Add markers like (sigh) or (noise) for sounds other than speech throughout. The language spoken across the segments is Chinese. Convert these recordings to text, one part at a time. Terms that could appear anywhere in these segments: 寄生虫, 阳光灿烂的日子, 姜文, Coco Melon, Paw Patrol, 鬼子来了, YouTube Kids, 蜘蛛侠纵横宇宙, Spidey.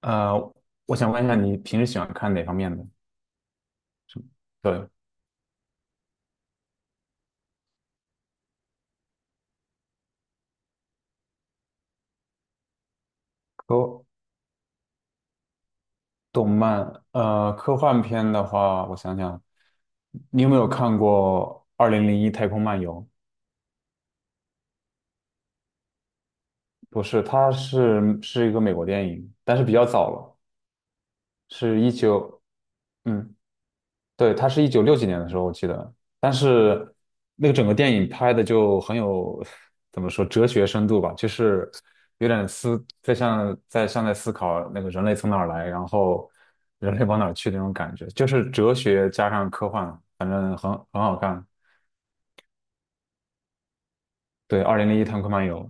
呃，我想问一下，你平时喜欢看哪方面的？什么的科动漫？科幻片的话，我想想，你有没有看过《二零零一太空漫游》？不是，它是一个美国电影，但是比较早了，是一九嗯。对，它是196几年的时候，我记得。但是那个整个电影拍的就很有，怎么说，哲学深度吧，就是有点思，在思考那个人类从哪儿来，然后人类往哪儿去那种感觉，就是哲学加上科幻，反正很好看。对，《二零零一太空漫游》。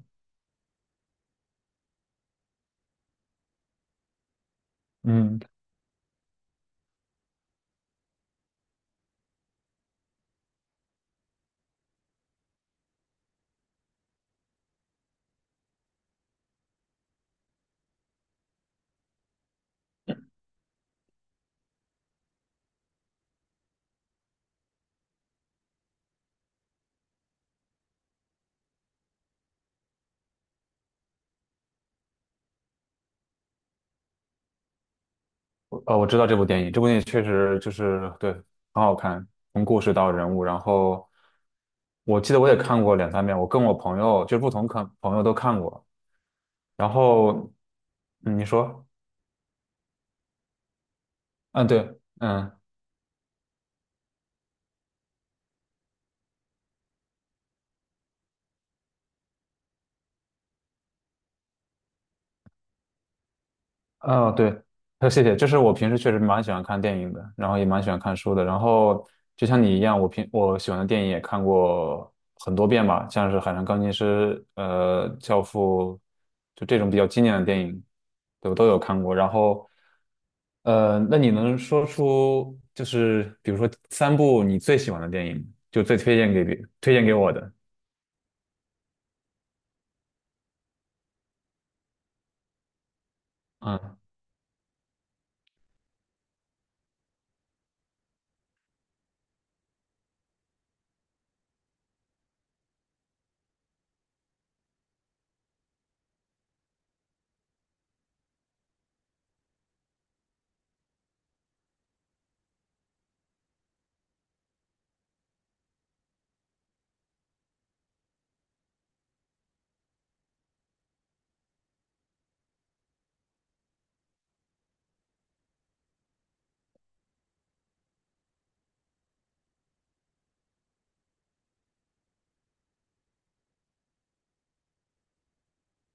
嗯，我知道这部电影，这部电影确实就是对，很好看，从故事到人物，然后我记得我也看过2、3遍，我跟我朋友就是不同看朋友都看过。然后，嗯，你说，嗯，对，嗯，哦，对，谢谢，就是我平时确实蛮喜欢看电影的，然后也蛮喜欢看书的，然后就像你一样，我喜欢的电影也看过很多遍吧，像是《海上钢琴师》、《教父》，就这种比较经典的电影，对，我都有看过。然后，那你能说出就是比如说3部你最喜欢的电影，就最推荐给别推荐给我的？嗯。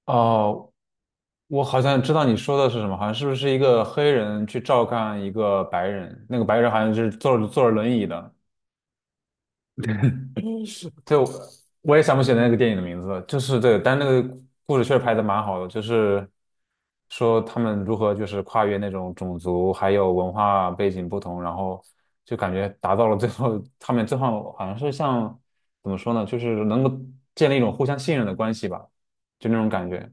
哦，我好像知道你说的是什么，好像是不是一个黑人去照看一个白人，那个白人好像是坐着坐着轮椅的，就我也想不起来那个电影的名字了，就是对，但那个故事确实拍的蛮好的，就是说他们如何就是跨越那种种族还有文化背景不同，然后就感觉达到了最后，他们最后好像是像怎么说呢，就是能够建立一种互相信任的关系吧，就那种感觉。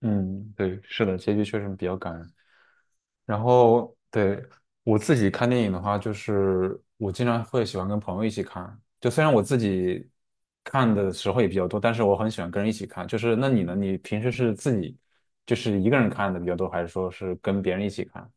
嗯，对，是的，结局确实比较感人。然后，对，我自己看电影的话，就是我经常会喜欢跟朋友一起看。就虽然我自己看的时候也比较多，但是我很喜欢跟人一起看。就是那你呢？你平时是自己就是一个人看的比较多，还是说是跟别人一起看？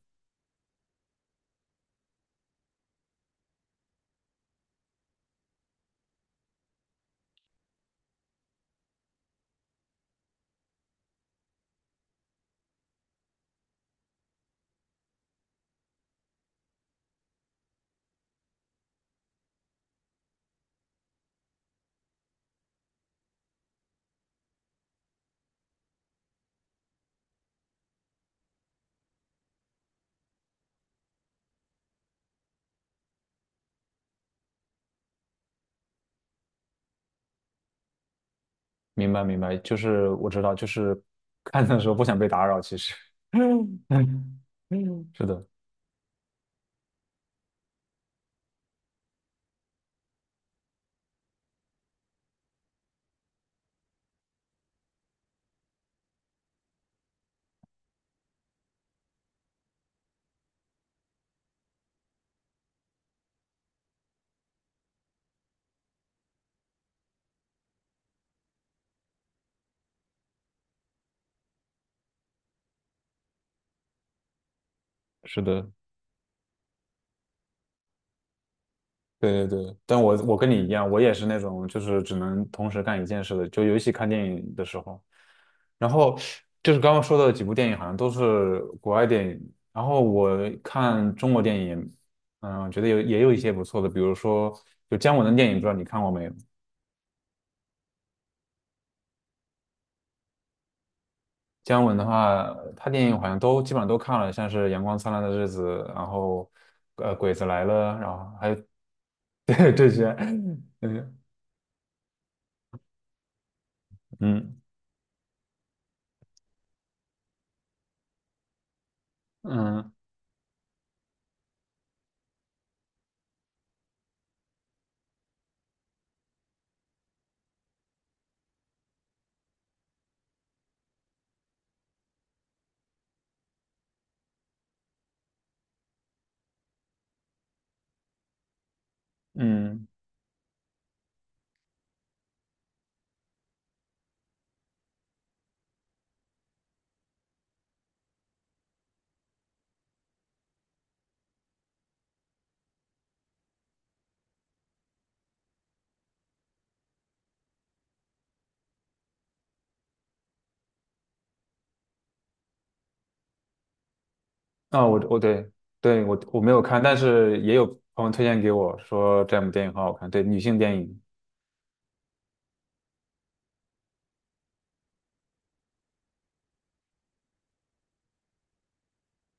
明白，明白。就是我知道，就是看的时候不想被打扰，其实。(laughs) 嗯嗯，是的，是的。对对对，但我跟你一样，我也是那种就是只能同时干一件事的，就尤其看电影的时候。然后就是刚刚说的几部电影，好像都是国外电影。然后我看中国电影，嗯，觉得有也有一些不错的，比如说就姜文的电影，不知道你看过没有？姜文的话，他电影好像都基本上都看了，像是《阳光灿烂的日子》，然后《鬼子来了》，然后还有 (laughs) 对这些，嗯嗯嗯。嗯啊，我我对对我我没有看，但是也有朋友推荐给我说这两部电影很好看，对女性电影，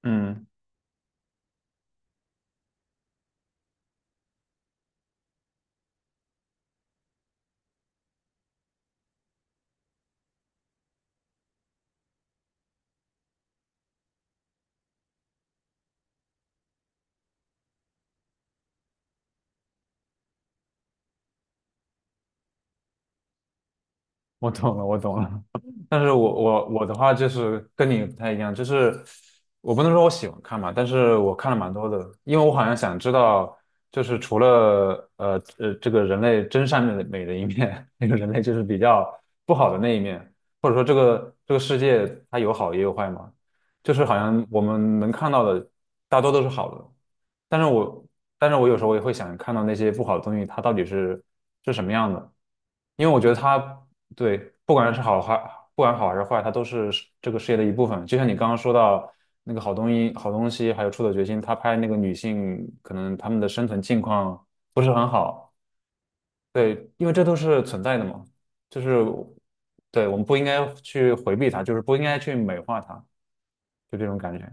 嗯。我懂了，我懂了。(laughs) 但是我的话就是跟你不太一样，就是我不能说我喜欢看嘛，但是我看了蛮多的，因为我好像想知道，就是除了这个人类真善美的美的一面，(laughs) 那个人类就是比较不好的那一面，或者说这个世界它有好也有坏嘛，就是好像我们能看到的大多都是好的，但是我但是我有时候也会想看到那些不好的东西，它到底是什么样的。因为我觉得它对，不管是好还不管好还是坏，它都是事这个事业的一部分。就像你刚刚说到那个好东西，还有出走决心，他拍那个女性，可能她们的生存境况不是很好。对，因为这都是存在的嘛，就是对我们不应该去回避它，就是不应该去美化它，就这种感觉。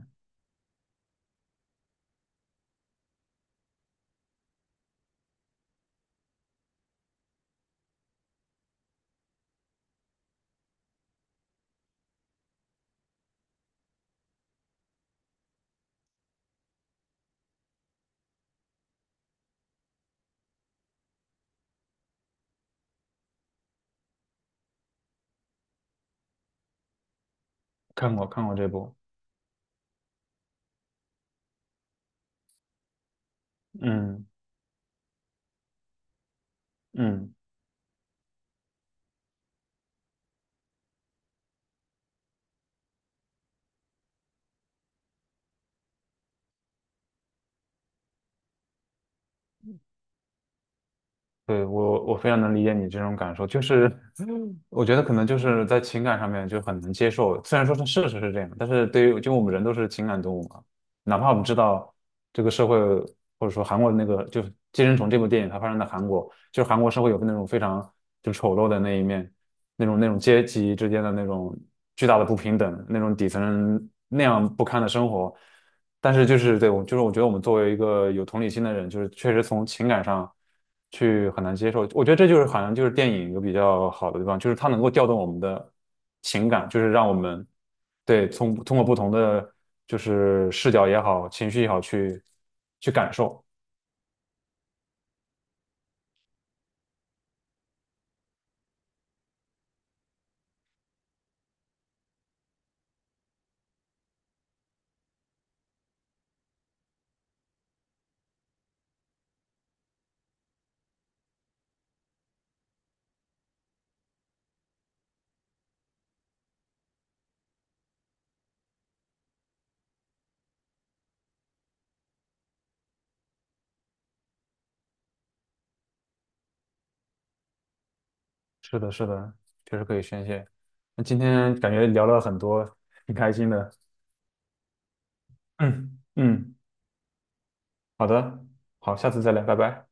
看过看过这部，嗯嗯。对，我非常能理解你这种感受，就是 (laughs) 我觉得可能就是在情感上面就很难接受，虽然说是事实是这样，但是对于就我们人都是情感动物嘛，哪怕我们知道这个社会或者说韩国的那个就是《寄生虫》这部电影，它发生在韩国，就是韩国社会有那种非常就丑陋的那一面，那种阶级之间的那种巨大的不平等，那种底层人那样不堪的生活。但是就是对我，就是我觉得我们作为一个有同理心的人，就是确实从情感上去很难接受。我觉得这就是好像就是电影有比较好的地方，就是它能够调动我们的情感，就是让我们对从通过不同的就是视角也好，情绪也好去感受。是的，是的，确实可以宣泄。那今天感觉聊了很多，挺开心的。嗯嗯，好的，好，下次再聊，拜拜。